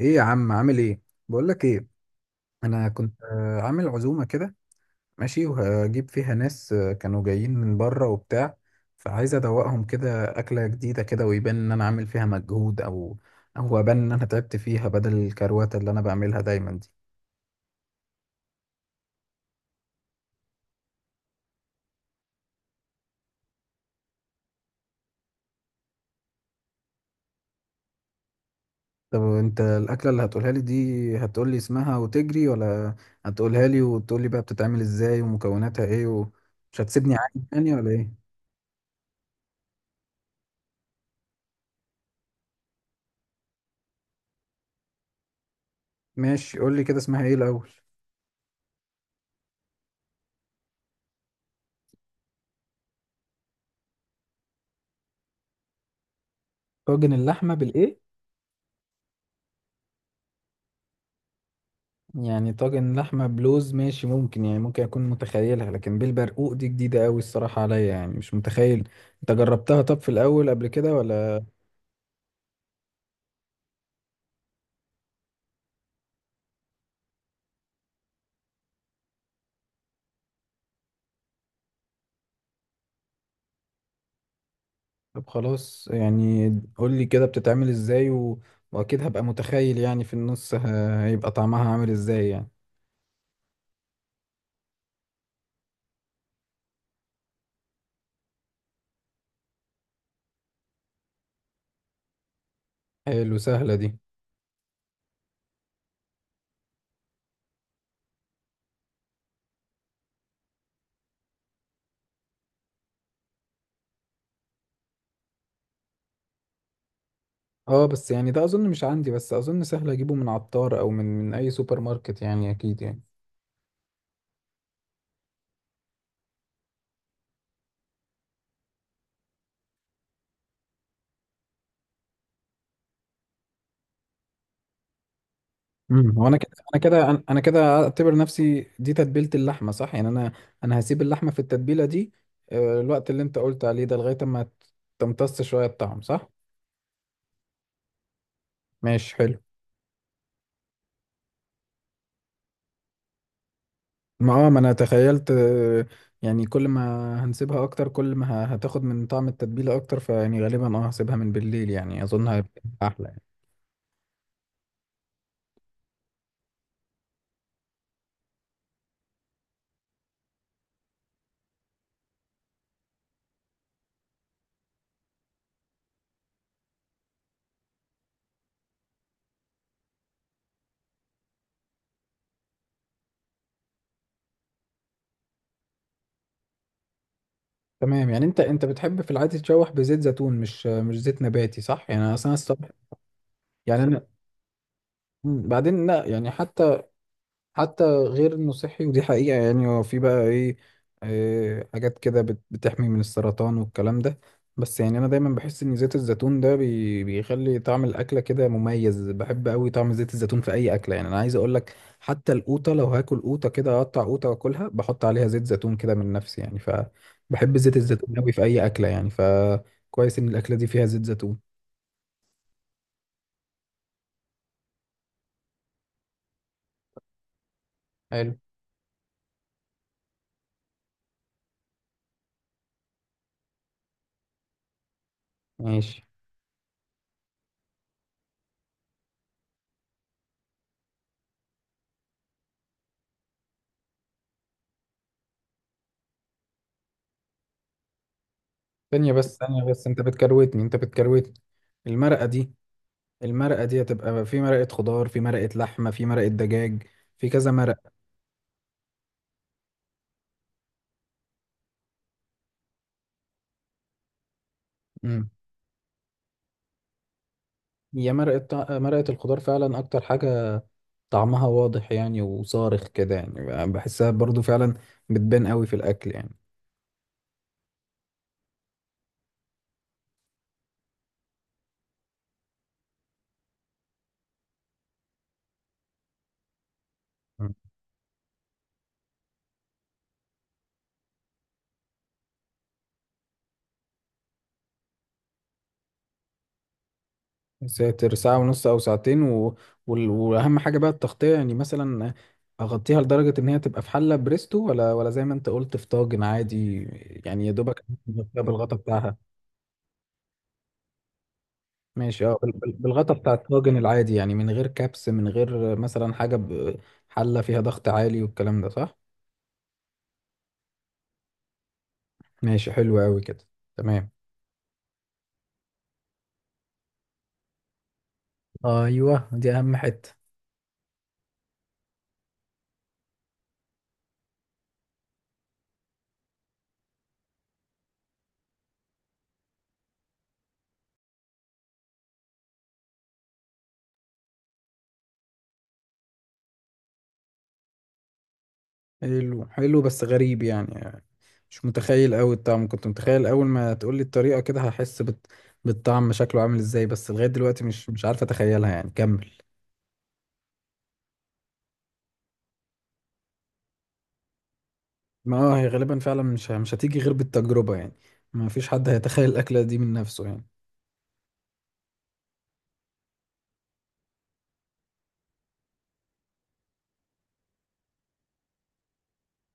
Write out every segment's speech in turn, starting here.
ايه يا عم، عامل ايه؟ بقول لك ايه، انا كنت عامل عزومه كده، ماشي، وهجيب فيها ناس كانوا جايين من بره وبتاع، فعايز ادوقهم كده اكله جديده كده، ويبان ان انا عامل فيها مجهود، او ابان ان انا تعبت فيها بدل الكروته اللي انا بعملها دايما دي. طب انت الاكله اللي هتقولها لي دي، هتقول لي اسمها وتجري، ولا هتقولها لي وتقول لي بقى بتتعمل ازاي ومكوناتها ايه، ومش هتسيبني عادي يعني، ولا ايه؟ ماشي، قول لي كده اسمها ايه الاول. طاجن اللحمه بالايه؟ يعني طاجن لحمة بلوز ماشي، ممكن يعني، ممكن أكون متخيلها، لكن بالبرقوق دي جديدة أوي الصراحة عليا، يعني مش متخيل. أنت جربتها طب في الأول قبل كده، ولا؟ طب خلاص يعني، قولي كده بتتعمل إزاي و... وأكيد هبقى متخيل يعني في النص هيبقى طعمها عامل إزاي يعني. حلو، سهلة دي. اه بس يعني ده أظن مش عندي، بس أظن سهل أجيبه من عطار أو من أي سوبر ماركت، يعني أكيد يعني. وانا كده انا كده انا أنا كده اعتبر نفسي دي تتبيله اللحمه، صح يعني؟ انا انا هسيب اللحمه في التتبيله دي الوقت اللي انت قلت عليه ده، لغايه اما تمتص شويه الطعم، صح؟ ماشي، حلو. ما انا تخيلت، يعني كل ما هنسيبها اكتر، كل ما هتاخد من طعم التتبيله اكتر، فيعني غالبا اه هسيبها من بالليل يعني، اظن هيبقى احلى يعني. تمام، يعني انت بتحب في العادي تشوح بزيت زيتون، مش زيت نباتي، صح يعني؟ انا اصلا الصبح، يعني انا بعدين لا يعني، حتى غير انه صحي، ودي حقيقة يعني. هو في بقى ايه، حاجات كده بتحمي من السرطان والكلام ده. بس يعني انا دايما بحس ان زيت الزيتون ده بيخلي طعم الاكلة كده مميز. بحب قوي طعم زيت الزيتون في اي اكلة، يعني انا عايز اقول لك، حتى القوطة، لو هاكل قوطة كده، اقطع قوطة واكلها بحط عليها زيت زيتون كده من نفسي يعني. فبحب زيت الزيتون قوي في اي اكلة يعني، فكويس ان الاكلة دي فيها زيت زيتون. حلو. ماشي. ثانية بس، انت بتكروتني. المرقة دي، المرقة دي هتبقى في مرقة خضار، في مرقة لحمة، في مرقة دجاج، في كذا مرقة. امم، هي مرقة مرقة الخضار فعلا أكتر حاجة طعمها واضح يعني، وصارخ كده يعني، بحسها برضو فعلا بتبان قوي في الأكل يعني. مم. ساتر ساعة ونص أو ساعتين و... وأهم حاجة بقى التغطية، يعني مثلا أغطيها لدرجة إن هي تبقى في حلة بريستو، ولا زي ما أنت قلت في طاجن عادي؟ يعني يا دوبك مغطيها بالغطا بتاعها؟ ماشي، اه بالغطا بتاع الطاجن العادي يعني، من غير كبس، من غير مثلا حاجة حلة فيها ضغط عالي والكلام ده، صح؟ ماشي، حلو قوي كده. تمام. ايوه، دي اهم حتة. حلو حلو، بس غريب يعني. مش متخيل قوي الطعم، كنت متخيل اول ما تقول لي الطريقة كده هحس بالطعم شكله عامل ازاي، بس لغاية دلوقتي مش عارف اتخيلها يعني. كمل. ما اه، هي غالبا فعلا مش هتيجي غير بالتجربة يعني، ما فيش حد هيتخيل الأكلة دي من نفسه يعني.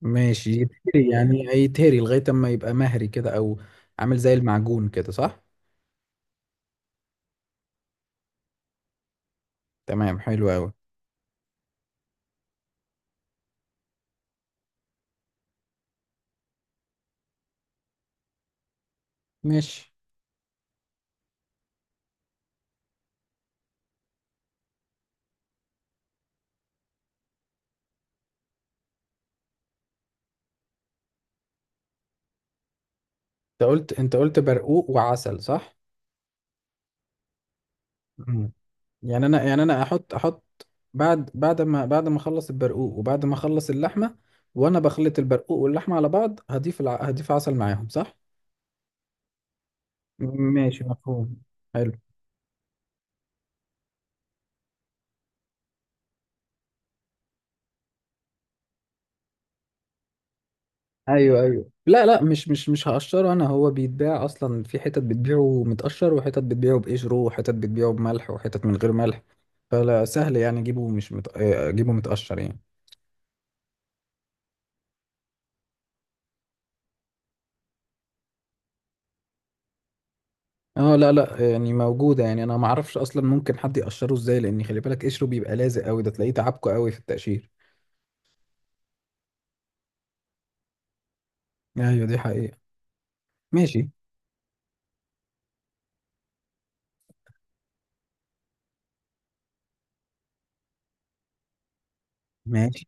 ماشي، يتهري يعني؟ هيتهري لغاية اما يبقى مهري كده، او عامل زي المعجون كده، صح؟ تمام، حلو قوي. ماشي. انت قلت، انت قلت برقوق وعسل، صح؟ مم. يعني انا احط، احط بعد، بعد ما اخلص البرقوق، وبعد ما اخلص اللحمة وانا بخلط البرقوق واللحمة على بعض، هضيف هضيف عسل معاهم، صح؟ ماشي، مفهوم، حلو. ايوه ايوه، لا لا، مش هقشره انا. هو بيتباع اصلا، في حتت بتبيعه متقشر، وحتت بتبيعه بقشره، وحتت بتبيعه بملح، وحتت من غير ملح. فلا، سهل يعني اجيبه مش اجيبه متقشر يعني. اه لا لا، يعني موجوده يعني، انا ما اعرفش اصلا ممكن حد يقشره ازاي، لان خلي بالك قشره بيبقى لازق قوي، ده تلاقيه تعبكه قوي في التقشير. ايوه، دي حقيقه. ماشي. ماشي.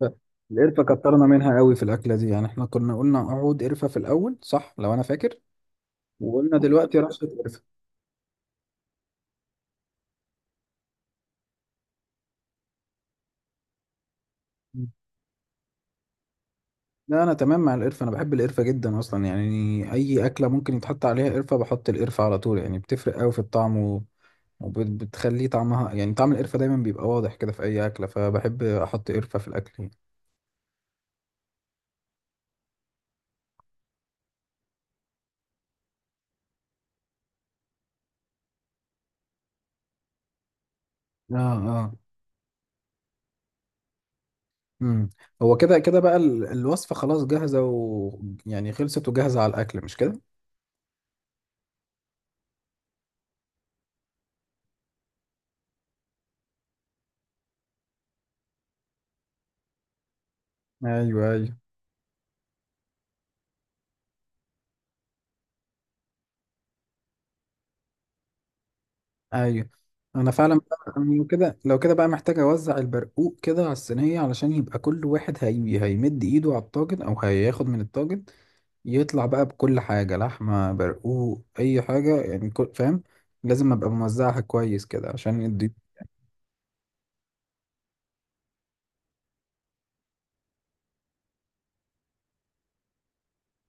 ف- القرفة كترنا منها قوي في الأكلة دي يعني، احنا كنا قلنا عود قرفة في الأول، صح لو أنا فاكر؟ وقلنا دلوقتي رشة قرفة. لا انا تمام مع القرفه، انا بحب القرفه جدا اصلا يعني، اي اكله ممكن يتحط عليها قرفه بحط القرفه على طول يعني، بتفرق قوي في الطعم و... وبتخليه طعمها يعني، طعم القرفه دايما بيبقى واضح كده في اي اكله، فبحب احط قرفه في الاكل يعني. اه. اه. امم. هو كده كده بقى الوصفه خلاص جاهزه، ويعني خلصت وجاهزه على الاكل، مش كده؟ ايوه ايوه ايوه. انا فعلا أنا لو كده، لو كده بقى محتاج اوزع البرقوق كده على الصينيه، علشان يبقى كل واحد هيمد ايده على الطاجن او هياخد من الطاجن، يطلع بقى بكل حاجة، لحمة برقوق أي حاجة يعني، كل فاهم؟ لازم أبقى موزعها كويس كده عشان الضيوف.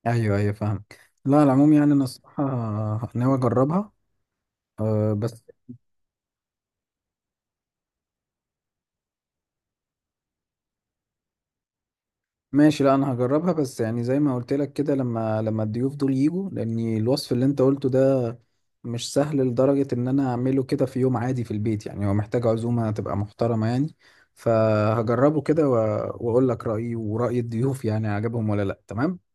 أيوه أيوه، فاهمك. لا على العموم يعني، أنا الصراحة ناوي أجربها. أه بس، ماشي، لا أنا هجربها، بس يعني زي ما قلت لك كده، لما لما الضيوف دول يجوا، لأن الوصف اللي أنت قلته ده مش سهل لدرجة إن أنا أعمله كده في يوم عادي في البيت يعني، هو محتاج عزومة تبقى محترمة يعني. فهجربه كده و- وأقول لك رأيي ورأي الضيوف، يعني عجبهم ولا لأ. تمام.